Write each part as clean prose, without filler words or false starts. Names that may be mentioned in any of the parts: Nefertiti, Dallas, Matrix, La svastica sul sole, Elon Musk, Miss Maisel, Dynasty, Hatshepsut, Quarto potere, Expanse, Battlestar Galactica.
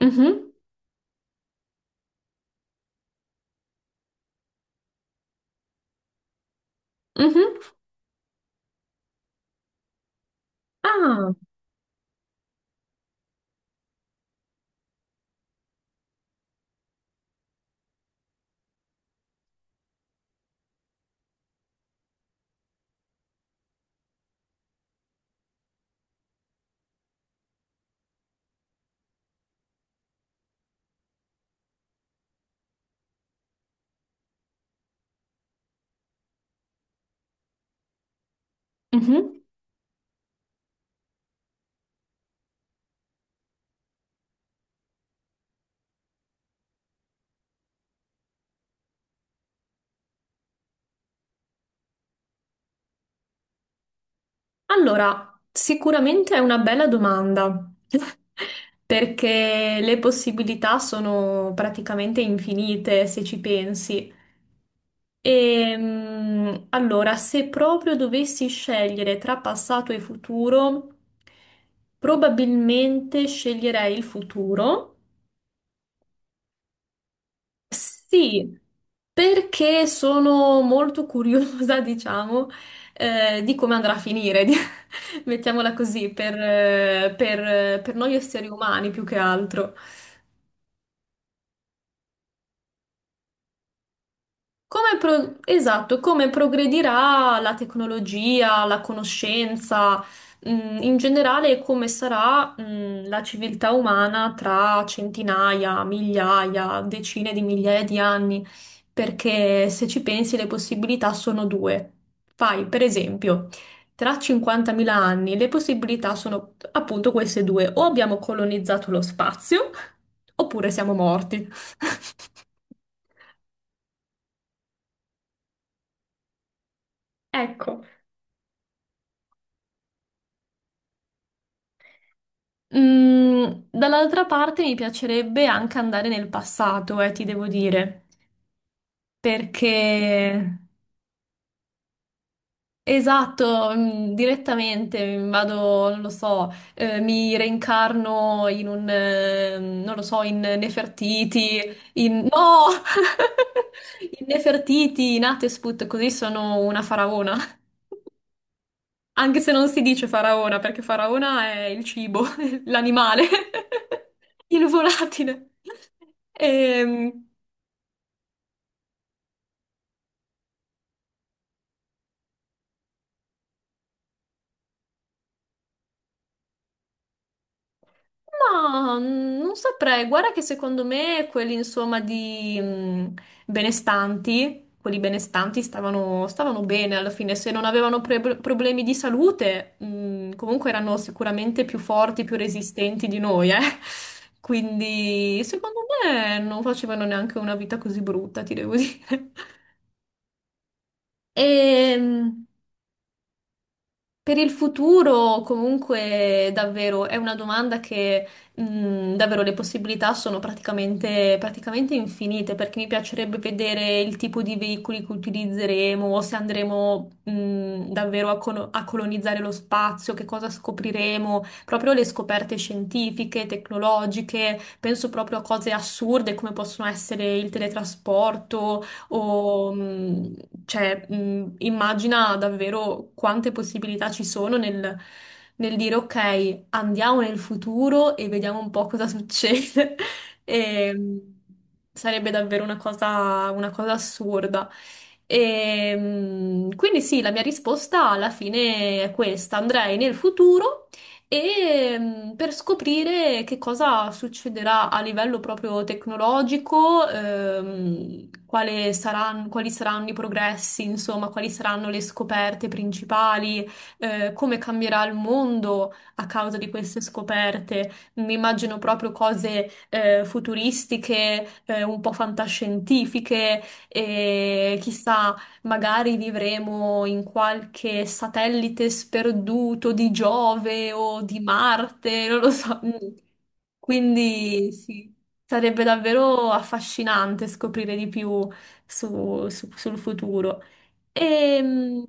Mhm, mhm. Ah, mhm. Allora, sicuramente è una bella domanda, perché le possibilità sono praticamente infinite se ci pensi. E, allora, se proprio dovessi scegliere tra passato e futuro, probabilmente sceglierei il futuro. Sì, perché sono molto curiosa, diciamo, di come andrà a finire. Mettiamola così, per noi esseri umani più che altro. Esatto, come progredirà la tecnologia, la conoscenza, in generale e come sarà, la civiltà umana tra centinaia, migliaia, decine di migliaia di anni, perché se ci pensi le possibilità sono due. Fai, per esempio, tra 50.000 anni le possibilità sono appunto queste due, o abbiamo colonizzato lo spazio, oppure siamo morti. Ecco. Mm, Dall'altra parte mi piacerebbe anche andare nel passato, ti devo dire, perché esatto, direttamente vado, non lo so, mi reincarno in un, non lo so, in Nefertiti, no! In Nefertiti, in Hatshepsut, così sono una faraona. Anche se non si dice faraona, perché faraona è il cibo, l'animale, il volatile. Ehm, ma non saprei, guarda che secondo me quelli insomma di benestanti, quelli benestanti stavano bene alla fine, se non avevano problemi di salute, comunque erano sicuramente più forti, più resistenti di noi, eh. Quindi secondo me non facevano neanche una vita così brutta, ti devo dire. E per il futuro, comunque, davvero è una domanda che davvero le possibilità sono praticamente infinite, perché mi piacerebbe vedere il tipo di veicoli che utilizzeremo, o se andremo davvero a colonizzare lo spazio, che cosa scopriremo, proprio le scoperte scientifiche, tecnologiche, penso proprio a cose assurde come possono essere il teletrasporto o cioè, immagina davvero quante possibilità ci sono nel dire ok, andiamo nel futuro e vediamo un po' cosa succede. E, sarebbe davvero una cosa assurda. E, quindi sì, la mia risposta alla fine è questa. Andrei nel futuro e per scoprire che cosa succederà a livello proprio tecnologico, quali saranno i progressi, insomma, quali saranno le scoperte principali, come cambierà il mondo a causa di queste scoperte. Mi immagino proprio cose futuristiche, un po' fantascientifiche e chissà. Magari vivremo in qualche satellite sperduto di Giove o di Marte, non lo so. Mm. Quindi sì, sarebbe davvero affascinante scoprire di più sul futuro. E, mhm,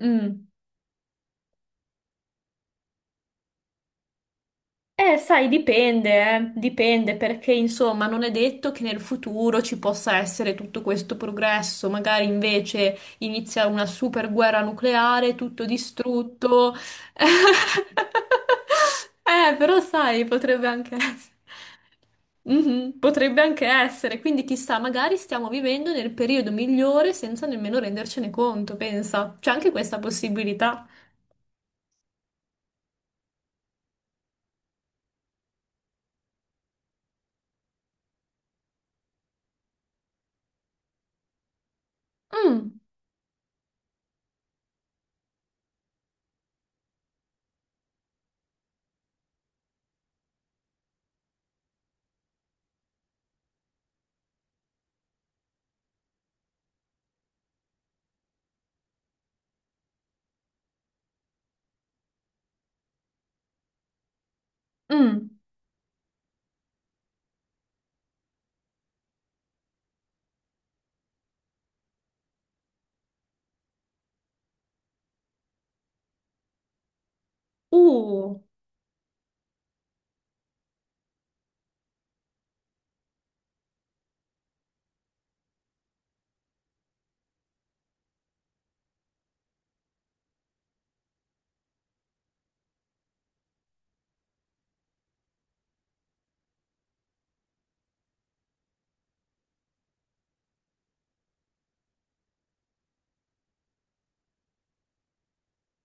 mm. Sai, dipende, Dipende perché insomma non è detto che nel futuro ci possa essere tutto questo progresso, magari invece inizia una super guerra nucleare, tutto distrutto. Però sai, potrebbe anche essere. Mhm, potrebbe anche essere, quindi chissà, magari stiamo vivendo nel periodo migliore senza nemmeno rendercene conto, pensa. C'è anche questa possibilità. Mm, mm, uh,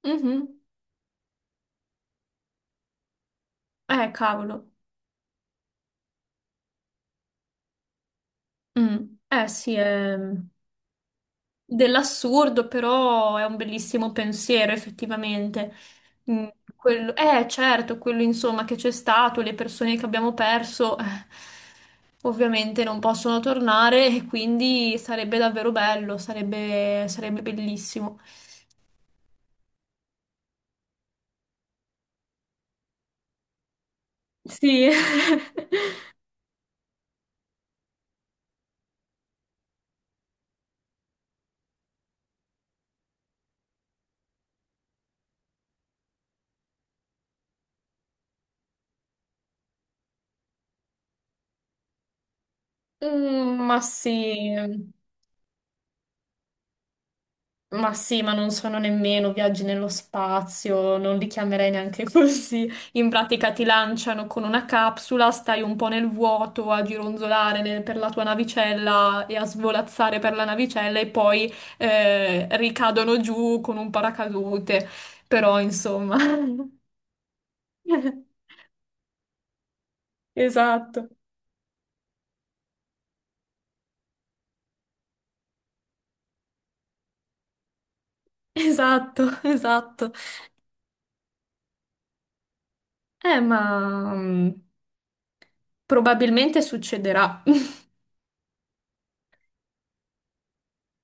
mhm. Cavolo. Mm. Eh sì, è dell'assurdo, però è un bellissimo pensiero, effettivamente. Mm, certo, quello insomma che c'è stato, le persone che abbiamo perso, ovviamente non possono tornare e quindi sarebbe davvero bello, sarebbe, sarebbe bellissimo. Sì. Ma sì. Ma sì, ma non sono nemmeno viaggi nello spazio, non li chiamerei neanche così. In pratica ti lanciano con una capsula, stai un po' nel vuoto a gironzolare per la tua navicella e a svolazzare per la navicella e poi ricadono giù con un paracadute. Però insomma, esatto, esatto, esatto. Ma probabilmente succederà.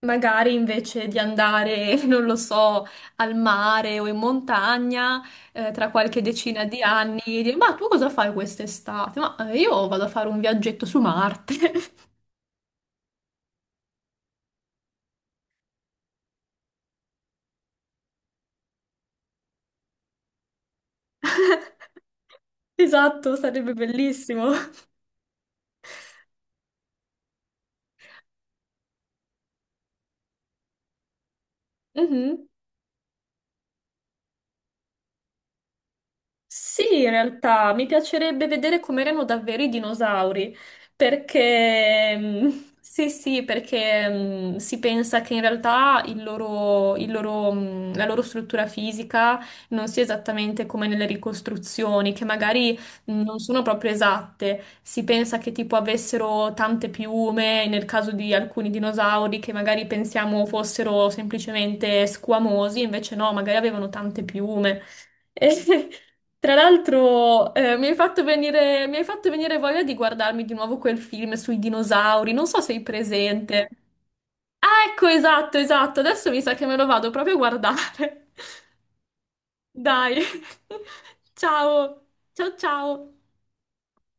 Magari invece di andare, non lo so, al mare o in montagna, tra qualche decina di anni, dire, ma tu cosa fai quest'estate? Ma io vado a fare un viaggetto su Marte. Esatto, sarebbe bellissimo. Mhm. Sì, in realtà mi piacerebbe vedere com'erano davvero i dinosauri, perché sì, sì, perché si pensa che in realtà la loro struttura fisica non sia esattamente come nelle ricostruzioni, che magari non sono proprio esatte. Si pensa che tipo avessero tante piume, nel caso di alcuni dinosauri che magari pensiamo fossero semplicemente squamosi, invece no, magari avevano tante piume. E, tra l'altro, mi hai fatto venire voglia di guardarmi di nuovo quel film sui dinosauri. Non so se sei presente. Ah, ecco, esatto, esatto. Adesso mi sa che me lo vado proprio a guardare. Dai. Ciao. Ciao, ciao.